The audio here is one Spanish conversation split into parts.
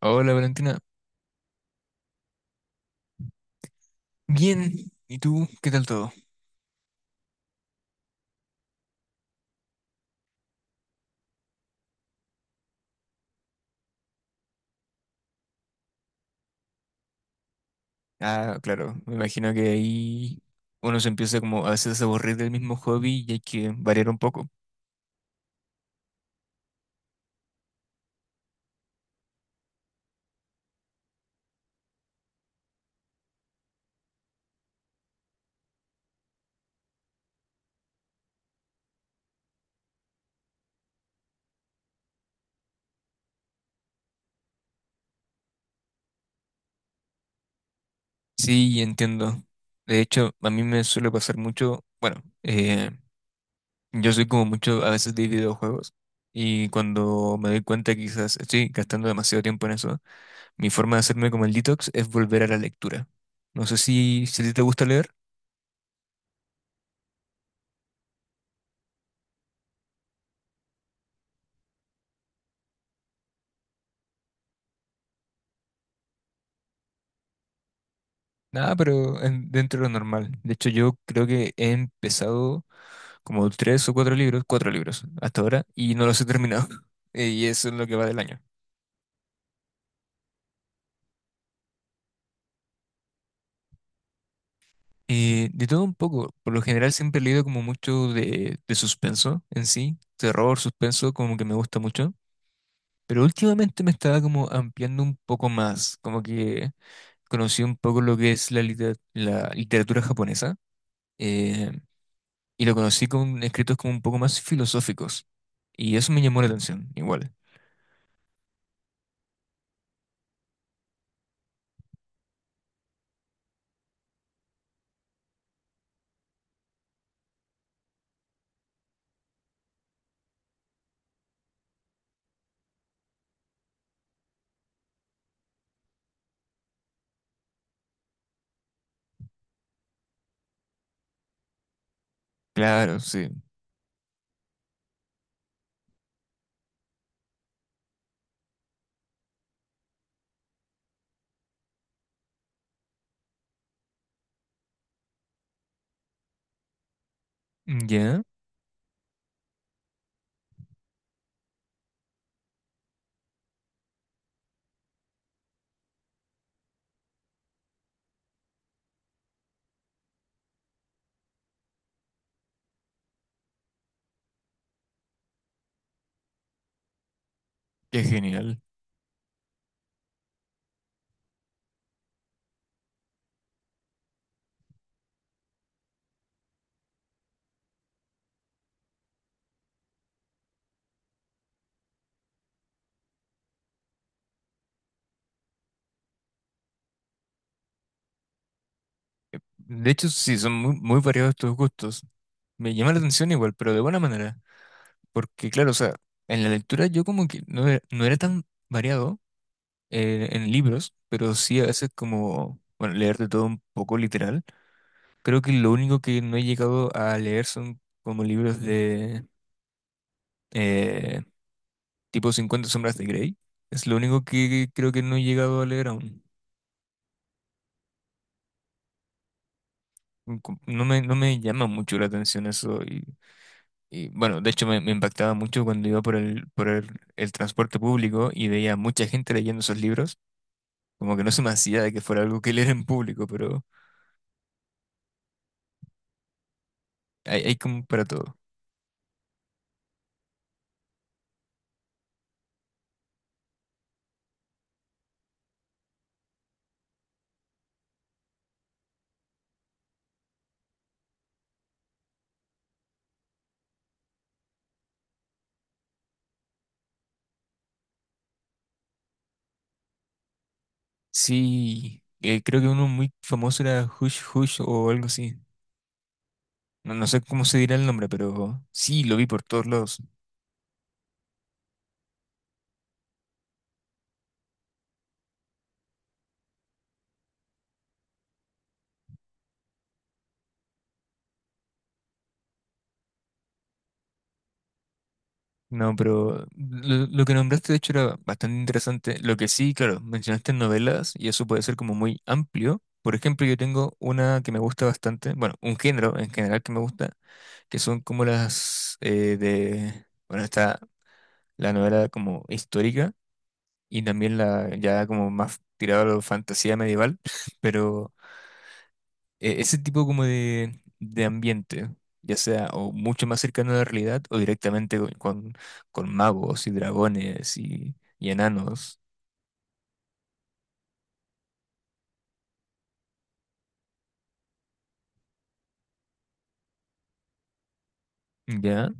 Hola Valentina, bien, ¿y tú? ¿Qué tal todo? Ah, claro, me imagino que ahí uno se empieza como a veces a aburrir del mismo hobby y hay que variar un poco. Sí, entiendo. De hecho, a mí me suele pasar mucho, bueno, yo soy como mucho a veces de videojuegos y cuando me doy cuenta que quizás estoy gastando demasiado tiempo en eso, mi forma de hacerme como el detox es volver a la lectura. No sé si a ti te gusta leer. Nada, pero dentro de lo normal. De hecho, yo creo que he empezado como tres o cuatro libros hasta ahora, y no los he terminado. Y eso es lo que va del año. De todo un poco, por lo general siempre he leído como mucho de suspenso en sí, terror, suspenso, como que me gusta mucho, pero últimamente me estaba como ampliando un poco más, como que conocí un poco lo que es la literatura japonesa, eh, y lo conocí con escritos como un poco más filosóficos, y eso me llamó la atención, igual. Claro, sí. Ya, qué genial. De hecho, sí, son muy, muy variados tus gustos. Me llama la atención igual, pero de buena manera. Porque, claro, o sea, en la lectura yo como que no era tan variado, en libros, pero sí a veces como, bueno, leer de todo un poco literal. Creo que lo único que no he llegado a leer son como libros de eh, tipo Cincuenta sombras de Grey. Es lo único que creo que no he llegado a leer aún. No me, no me llama mucho la atención eso. Y bueno, de hecho me impactaba mucho cuando iba por el transporte público y veía mucha gente leyendo esos libros, como que no se me hacía de que fuera algo que leer en público, pero hay como para todo. Sí, creo que uno muy famoso era Hush Hush o algo así. No, no sé cómo se dirá el nombre, pero sí, lo vi por todos lados. No, pero lo que nombraste de hecho era bastante interesante. Lo que sí, claro, mencionaste novelas y eso puede ser como muy amplio. Por ejemplo, yo tengo una que me gusta bastante, bueno, un género en general que me gusta, que son como las bueno, está la novela como histórica y también la ya como más tirada a la fantasía medieval, pero ese tipo como de ambiente, ya sea o mucho más cercano a la realidad o directamente con magos y dragones y enanos. Ya,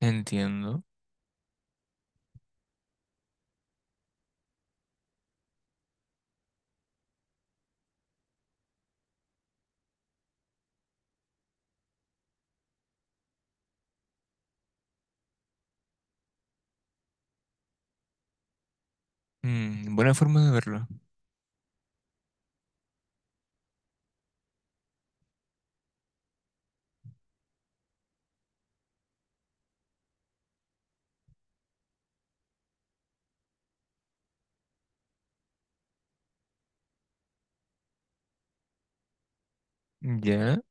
entiendo. Mm, buena forma de verlo. Ya,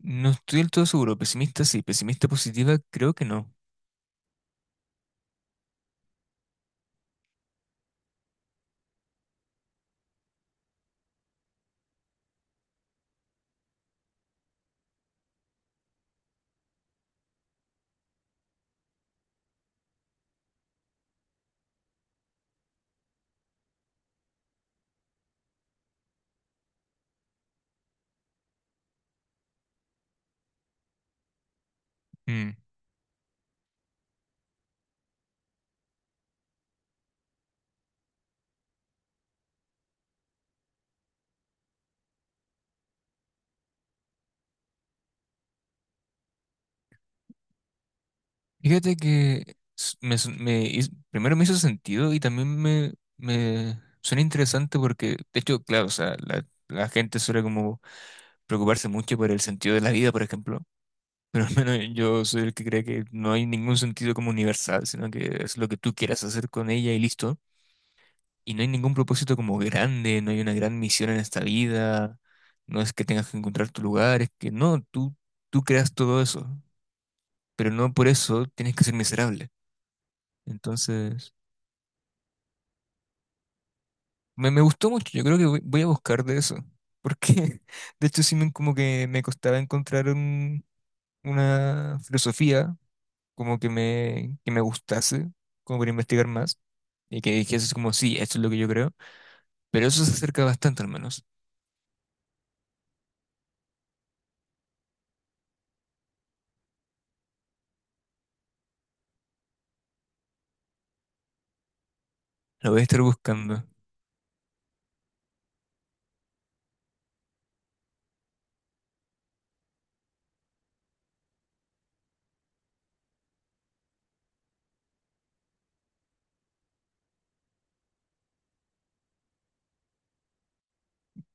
no estoy del todo seguro. Pesimista sí, pesimista positiva creo que no. Mm. Fíjate que s- me, su- me hiz- primero me hizo sentido y también me suena interesante porque, de hecho, claro, o sea, la gente suele como preocuparse mucho por el sentido de la vida, por ejemplo. Pero al menos yo soy el que cree que no hay ningún sentido como universal, sino que es lo que tú quieras hacer con ella y listo. Y no hay ningún propósito como grande, no hay una gran misión en esta vida, no es que tengas que encontrar tu lugar, es que no, tú creas todo eso, pero no por eso tienes que ser miserable. Entonces, me gustó mucho, yo creo que voy a buscar de eso, porque de hecho sí me, como que me costaba encontrar una filosofía como que que me gustase, como para investigar más, y que dijese así como, sí, esto es lo que yo creo, pero eso se acerca bastante al menos, lo voy a estar buscando.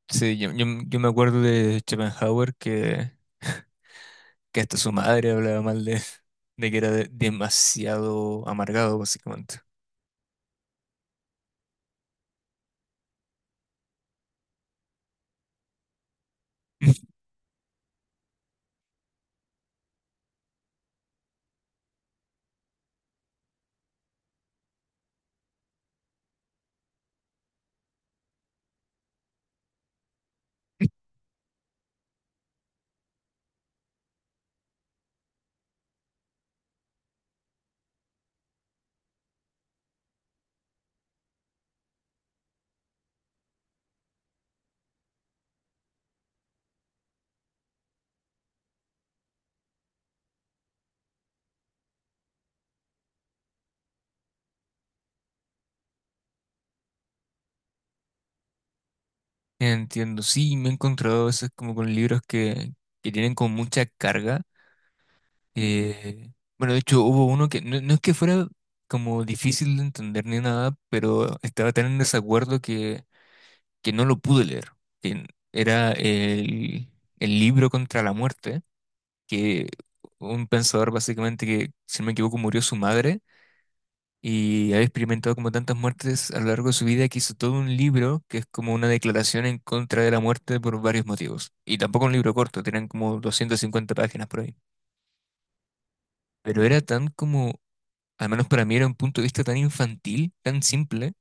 Sí, yo me acuerdo de Schopenhauer que hasta su madre hablaba mal de que era demasiado amargado, básicamente. Entiendo, sí, me he encontrado a veces como con libros que tienen como mucha carga. Eh, bueno, de hecho hubo uno que no, no es que fuera como difícil de entender ni nada, pero estaba tan en desacuerdo que no lo pude leer. Que era el libro contra la muerte, que un pensador básicamente que, si no me equivoco, murió su madre y había experimentado como tantas muertes a lo largo de su vida que hizo todo un libro que es como una declaración en contra de la muerte por varios motivos. Y tampoco un libro corto, tenían como 250 páginas por ahí. Pero era tan como, al menos para mí era un punto de vista tan infantil, tan simple,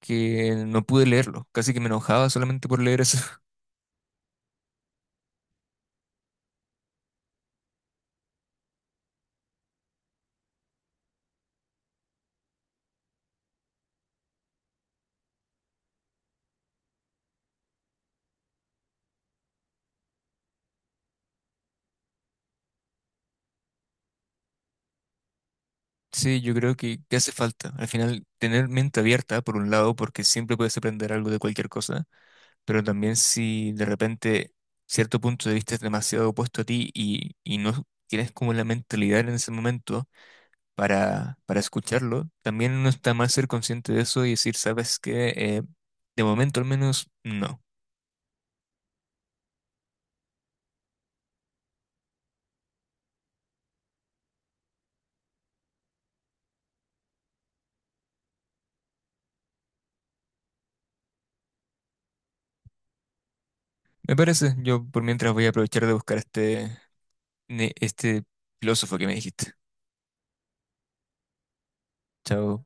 que no pude leerlo. Casi que me enojaba solamente por leer eso. Sí, yo creo que hace falta. Al final, tener mente abierta, por un lado, porque siempre puedes aprender algo de cualquier cosa, pero también si de repente cierto punto de vista es demasiado opuesto a ti y no tienes como la mentalidad en ese momento para escucharlo, también no está mal ser consciente de eso y decir, ¿sabes qué? De momento al menos no. Me parece, yo por mientras voy a aprovechar de buscar este filósofo que me dijiste. Chao.